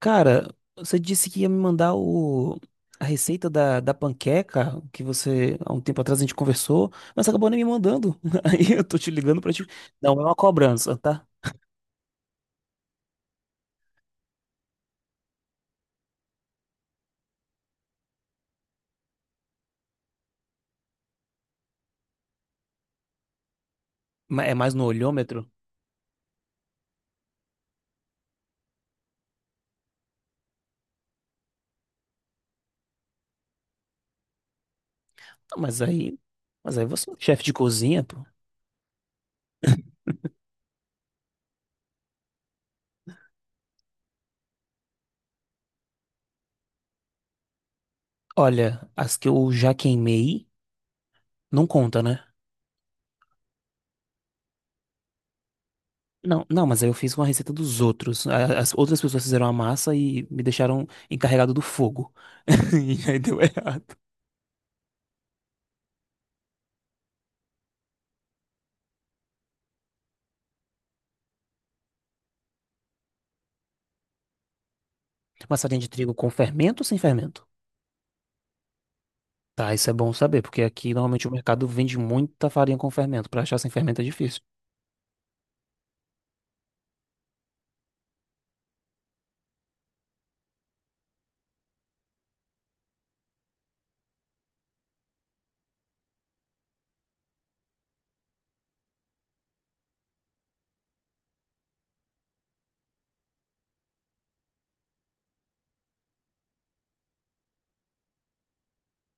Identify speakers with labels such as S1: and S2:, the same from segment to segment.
S1: Cara, você disse que ia me mandar a receita da panqueca que há um tempo atrás, a gente conversou, mas você acabou nem me mandando. Aí eu tô te ligando pra te. Não, é uma cobrança, tá? É mais no olhômetro. Ah, mas aí. Mas aí você é chefe de cozinha, pô. Olha, as que eu já queimei não conta, né? Não, não, mas aí eu fiz com a receita dos outros. As outras pessoas fizeram a massa e me deixaram encarregado do fogo. E aí deu errado. Uma farinha de trigo com fermento ou sem fermento? Tá, isso é bom saber, porque aqui normalmente o mercado vende muita farinha com fermento. Pra achar sem fermento é difícil.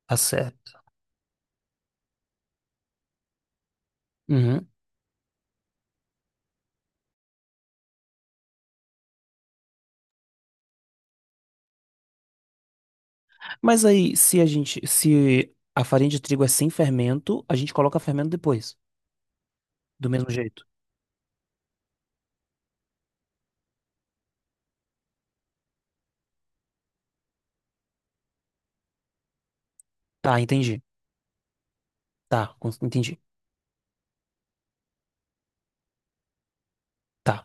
S1: Tá certo. Uhum. Mas aí, se a farinha de trigo é sem fermento, a gente coloca fermento depois, do mesmo jeito. Tá, entendi. Entendi. Tá.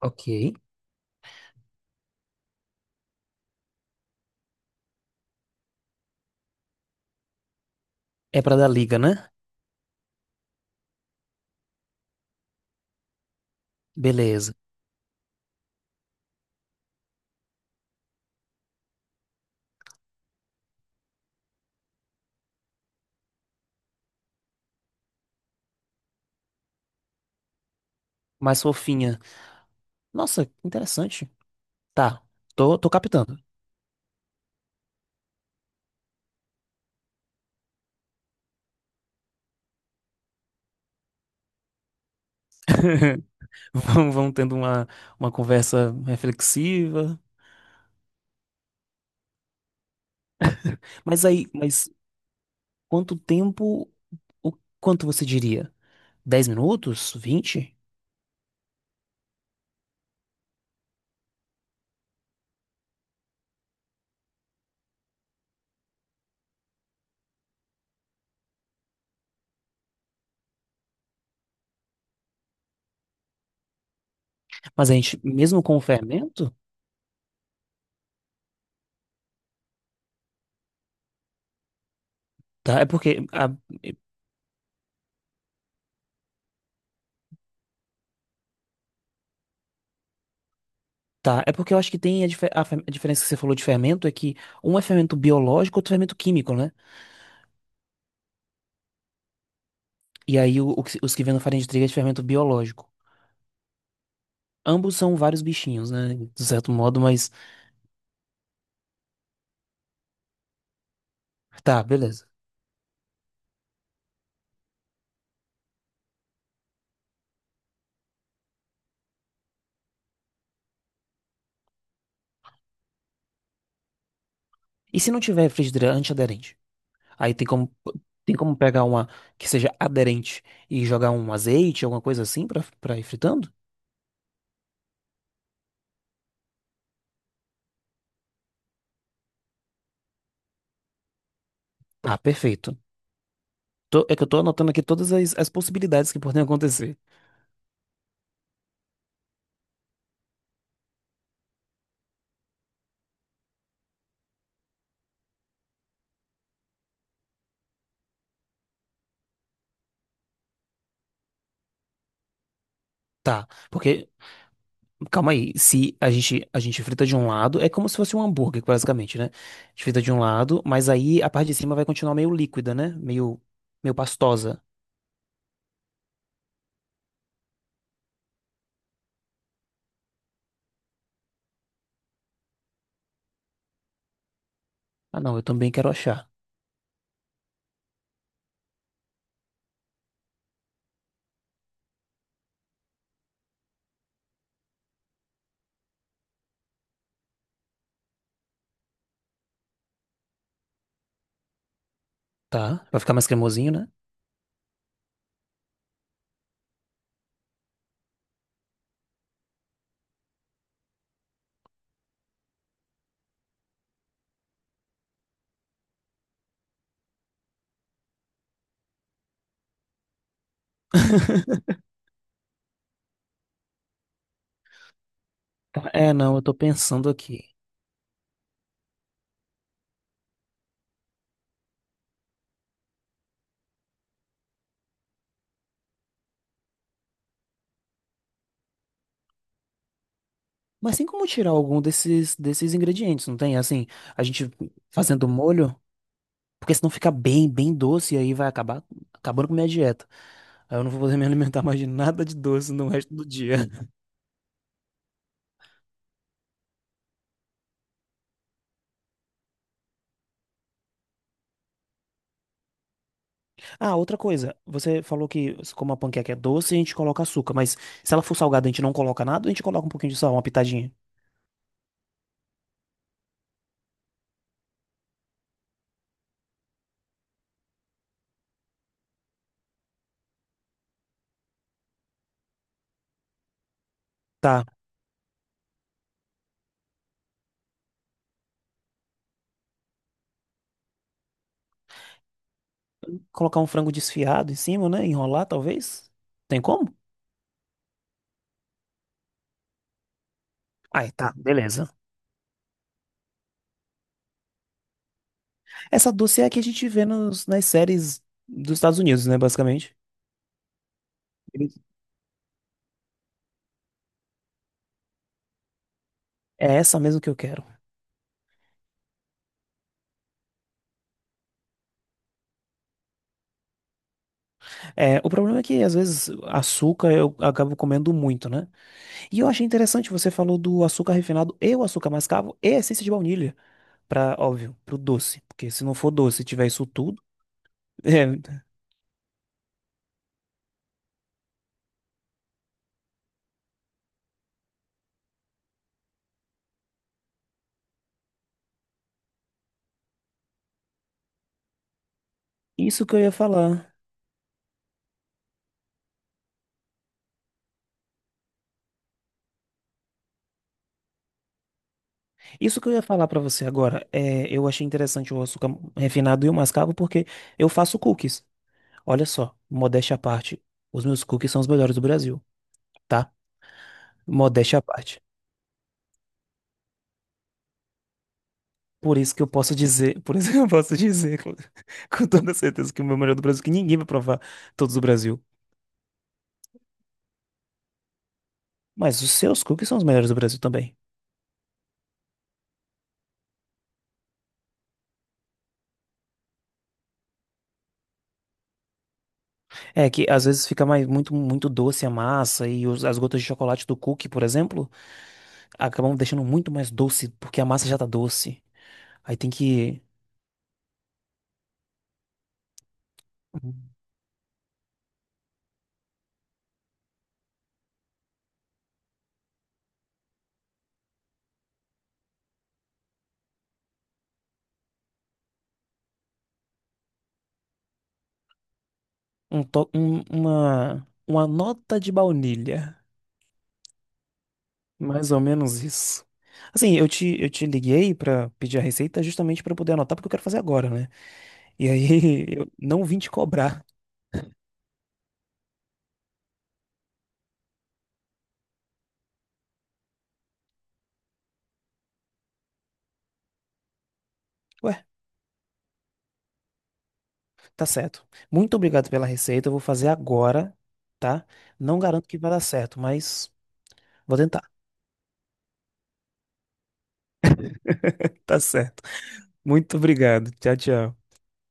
S1: Ok. É pra dar liga, né? Beleza. Mais fofinha. Nossa, interessante. Tá. Tô captando. Vamos tendo uma conversa reflexiva. Mas aí, mas Quanto tempo, o quanto você diria? 10 minutos? 20. Mas a gente, mesmo com o fermento, tá? É porque tá, é porque eu acho que tem a diferença que você falou de fermento é que um é fermento biológico, outro é fermento químico, né? E aí os que vêm na farinha de trigo é de fermento biológico. Ambos são vários bichinhos, né? De certo modo, mas tá, beleza. E se não tiver frigideira antiaderente? Aí tem como pegar uma que seja aderente e jogar um azeite, alguma coisa assim pra para ir fritando? Ah, perfeito. É que eu tô anotando aqui todas as possibilidades que podem acontecer. Tá, porque, calma aí, se a gente, a gente frita de um lado, é como se fosse um hambúrguer, basicamente, né? A gente frita de um lado, mas aí a parte de cima vai continuar meio líquida, né? Meio pastosa. Ah, não, eu também quero achar. Tá, vai ficar mais cremosinho, né? Tá, é, não, eu tô pensando aqui. Mas tem como tirar algum desses ingredientes, não tem? Assim, a gente fazendo molho. Porque senão fica bem, bem doce e aí vai acabar acabando com minha dieta. Aí eu não vou poder me alimentar mais de nada de doce no resto do dia. Ah, outra coisa. Você falou que como a panqueca é doce, a gente coloca açúcar. Mas se ela for salgada, a gente não coloca nada, ou a gente coloca um pouquinho de sal, uma pitadinha. Tá. Colocar um frango desfiado em cima, né? Enrolar, talvez. Tem como? Ai, tá, beleza. Essa doce é a que a gente vê nas séries dos Estados Unidos, né? Basicamente. Eles- É essa mesmo que eu quero. É, o problema é que às vezes açúcar eu acabo comendo muito, né? E eu achei interessante, você falou do açúcar refinado e o açúcar mascavo e a essência de baunilha, para, óbvio, pro doce, porque se não for doce e tiver isso tudo, é, isso que eu ia falar. Isso que eu ia falar para você agora, é, eu achei interessante o açúcar refinado e o mascavo porque eu faço cookies. Olha só, modéstia à parte, os meus cookies são os melhores do Brasil, tá? Modéstia à parte. Por isso que eu posso dizer, por isso que eu posso dizer com, com toda certeza que o meu melhor do Brasil, que ninguém vai provar todos do Brasil. Mas os seus cookies são os melhores do Brasil também. É que às vezes fica mais muito muito doce a massa e as gotas de chocolate do cookie, por exemplo, acabam deixando muito mais doce porque a massa já tá doce. Aí tem que uma nota de baunilha, mais ou menos isso. Assim, eu te liguei pra pedir a receita justamente pra eu poder anotar porque eu quero fazer agora, né? E aí eu não vim te cobrar. Tá certo. Muito obrigado pela receita. Eu vou fazer agora, tá? Não garanto que vai dar certo, mas vou tentar. Tá certo. Muito obrigado. Tchau, tchau.